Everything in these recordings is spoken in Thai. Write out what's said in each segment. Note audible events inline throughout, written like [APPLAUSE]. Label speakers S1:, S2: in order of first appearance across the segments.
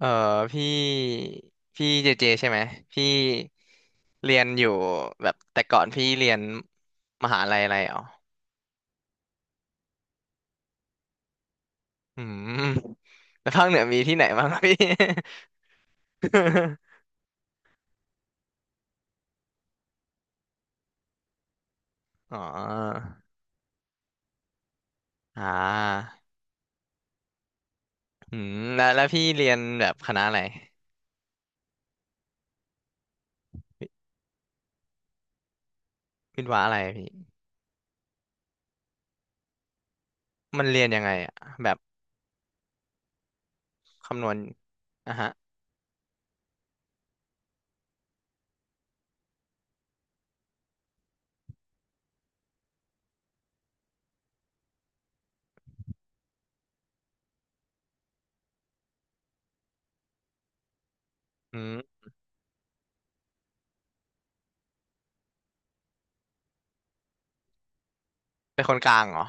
S1: เออพี่พี่เจเจใช่ไหมพี่เรียนอยู่แบบแต่ก่อนพี่เรียนมหาลัยอะไรอ๋ออืมแล้วภาคเหนือมีที่ไหนบ้างครับพี่ [LAUGHS] อ๋ออ่าอืมแล้วพี่เรียนแบบคณะอะไรวิศวะอะไรพี่มันเรียนยังไงอะแบบคำนวณอ่ะฮะอืมเป็นคนกลางเหรอ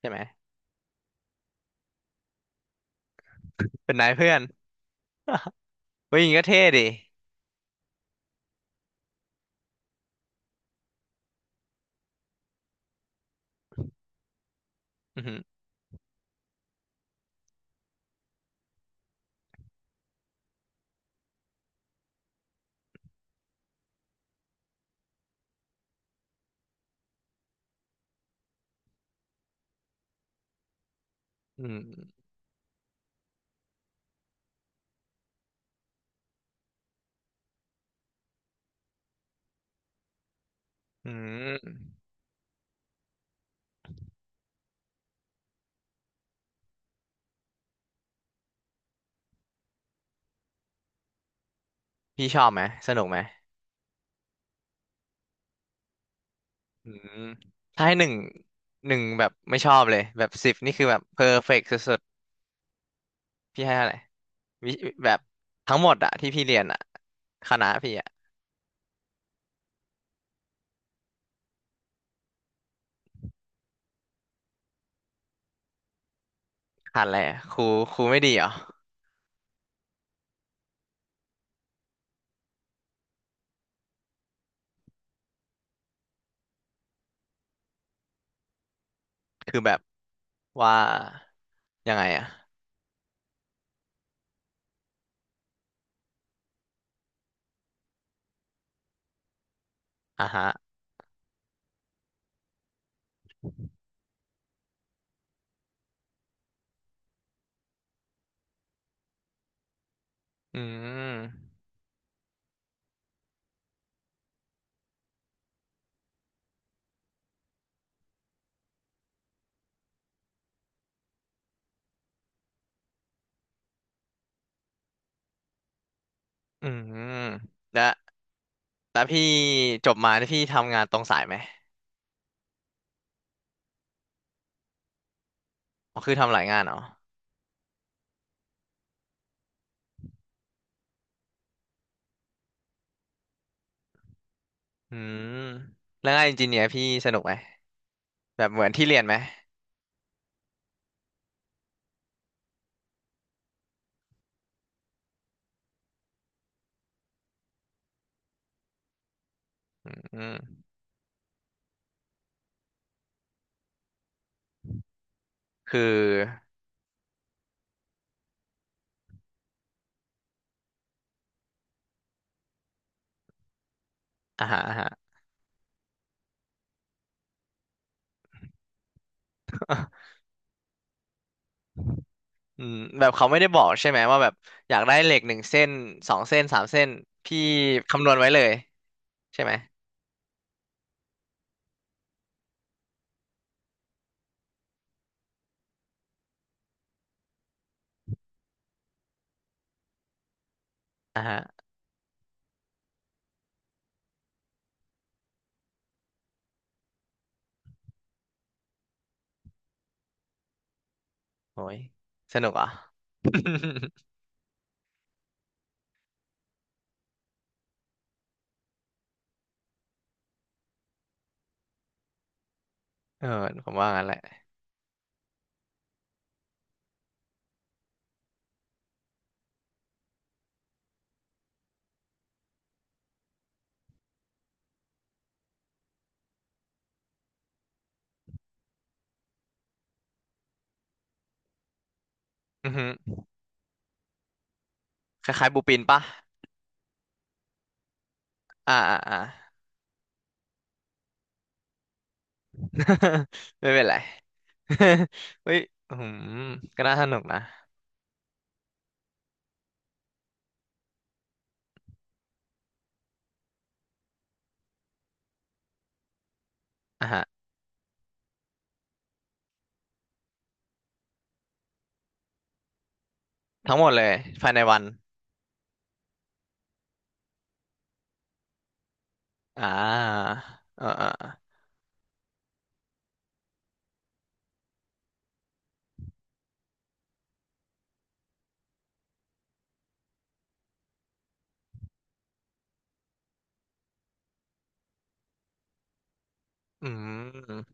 S1: ใช่ไหมเป็นนายเพื่อน [LAUGHS] เฮ้ยอย่างงี้ก็เท่ดิอืมอหืออืมอืมพี่ชอบไหมสนุกไหม อืมถ้าให้หนึ่งแบบไม่ชอบเลยแบบสิบนี่คือแบบเพอร์เฟกต์สุดๆพี่ให้อะไหรวิแบบทั้งหมดอะที่พี่เรียนอะคณะพี่อะขาดอะไรอะครูครูไม่ดีเหรอคือแบบว่ายังไงอะอ่ะฮะอืมอืมแล้วพี่จบมาที่พี่ทำงานตรงสายไหมอ๋อคือทำหลายงานเหรออืมแล้วงานอินจิเนียร์พี่สนุกไหมแบบเหมือนที่เรียนไหมอืมคืออ่าฮะอ่ะฮะ [LAUGHS] อืมแบบเขาไม่ได้บอกใช่ไหมว่าแบบอยากได้เหล็กหนึ่งเส้นสองเส้นสามเส้นพี่คำนวณไว้เลยใช่ไหมอ่าฮะโอ้ยสนุกอ่ะ [LAUGHS] เออผมว่างั้นแหละอือฮึคล้ายๆบูปินปะอ่าอ่าอ่า [LAUGHS] ไม่เป็นไร [LAUGHS] เฮ้ยอืมก็น่าสนุกนะอ่าฮะทั้งหมดเลยภายในวันอ่าเอออืม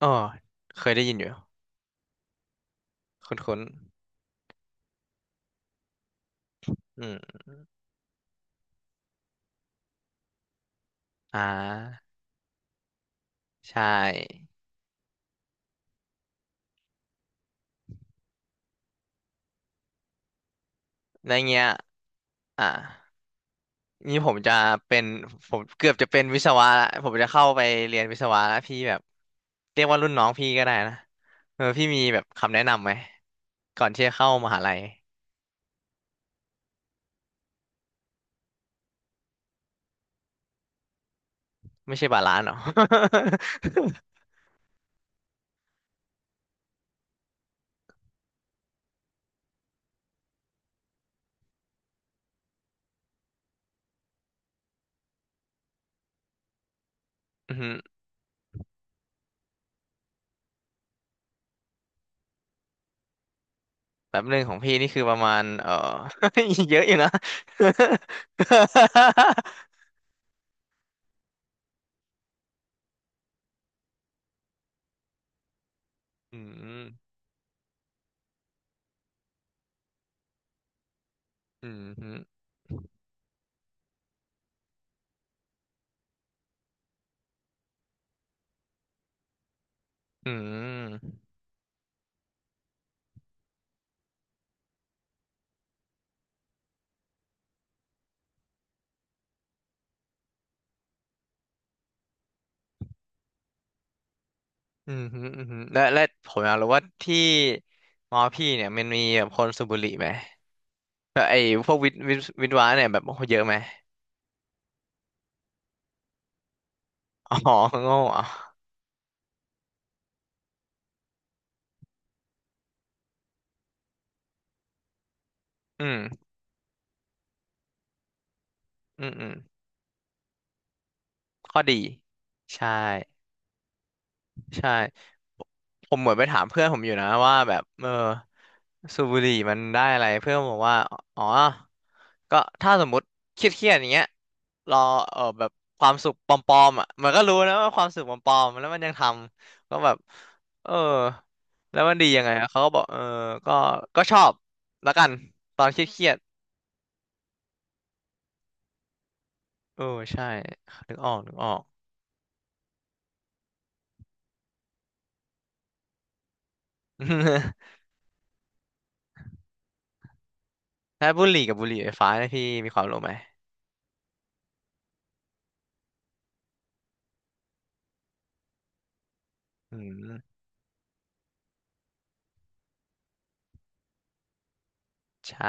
S1: อ๋อเคยได้ยินอยู่คุ้นๆอืมอ่าใช่ ในเงี้ยอ่านี่ผมจะเป็นผมเกือบจะเป็นวิศวะละผมจะเข้าไปเรียนวิศวะแล้วพี่แบบ เรียกว่ารุ่นน้องพี่ก็ได้นะเออพี่มีแบบคำแนะนำไหม ก่อนที่จะเข้ามหาลัยไม่ใช่บาลานซ์หรอ [LAUGHS] อือหือแบบหนึ่งของพี่นี่คือประมาณเออ [LAUGHS] เยอะอยู่นะ [LAUGHS] อืมอืมอืมอ อืมฮึอืมฮึและผมอยากรู้ว่าที่มอพี่เนี่ยมันมีแบบคนสูบบุหรี่ไหมแบบไอ้พวกวิทวะเนี่ยแบบโอ้โหเยอะไหมอ๋อโง่อ่ะอืมอืมอืมข้อดีใช่ ใช่ผมเหมือนไปถามเพื่อนผมอยู่นะว่าแบบเออสูบบุหรี่มันได้อะไรเพื่อนผมบอกว่าอ๋อก็ถ้าสมมติเครียดๆอย่างเงี้ยรอเออแบบความสุขปลอมๆอ่ะมันก็รู้นะว่าความสุขปลอมๆแล้วมันยังทำก็แบบเออแล้วมันดียังไงอะเขาก็บอกเออก็ชอบแล้วกันตอนเครียดๆเออใช่นึกออก [LAUGHS] ถ้าบุหรี่กับบุหรี่ไฟฟ้าเนี่ยพี่มีความรู้ไหมอืมใช่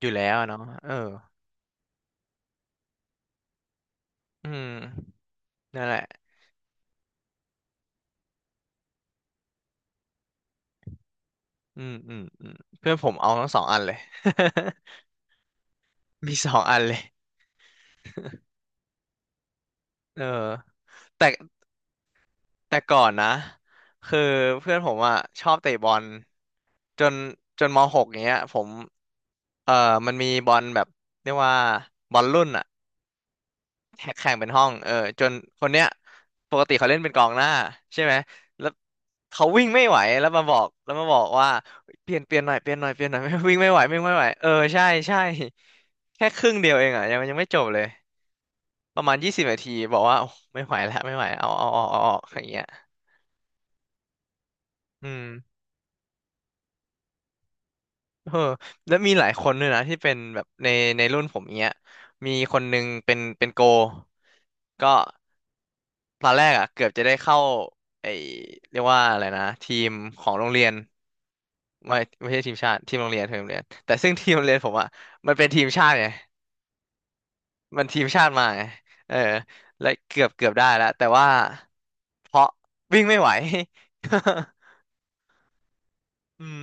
S1: อยู่แล้วอะเนาะเอออืม นั่นแหละอืมเพื่อนผมเอาทั้งสองอันเลย [LAUGHS] มีสองอันเลยเออแต่แต่ก่อนนะ คือเพื่อนผมอ่ะชอบเตะบอลจนมหกเนี้ยผมเออมันมีบอลแบบเรียกว่าบอลรุ่นอ่ะ แข่งเป็นห้องเออจนคนเนี้ยปกติเขาเล่นเป็นกองหน้าใช่ไหมแล้วเขาวิ่งไม่ไหวแล้วมาบอกว่าเปลี่ยนเปลี่ยนหน่อยเปลี่ยนหน่อยเปลี่ยนหน่อย [LAUGHS] ไม่ [LAUGHS] วิ่งไม่ไหวเออใช่ใช่ [LAUGHS] แค่ครึ่งเดียวเองอ่ะยังไม่จบเลยประมาณ20นาทีบอกว่าโอ้ไม่ไหวแล้วไม่ไหวเอาออกอย่างเงี้ยอืมเออแล้วมีหลายคนด้วยนะที่เป็นแบบในรุ่นผมเงี้ยมีคนนึงเป็นโก ก็ตอนแรกอ่ะเกือบจะได้เข้าไอเรียกว่าอะไรนะทีมของโรงเรียนไม่ใช่ทีมชาติทีมโรงเรียนทีมโรงเรียนแต่ซึ่งทีมโรงเรียนผมอ่ะมันเป็นทีมชาติไงมันทีมชาติมาไงเออและเกือบได้แล้วแต่ว่าเพราะวิ่งไม่ไหว [LAUGHS] อืม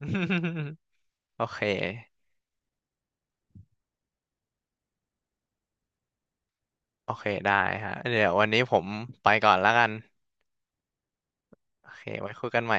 S1: [LAUGHS] โอเคได้ฮะเดี๋ยววันนี้ผมไปก่อนแล้วกันโอเคไว้คุยกันใหม่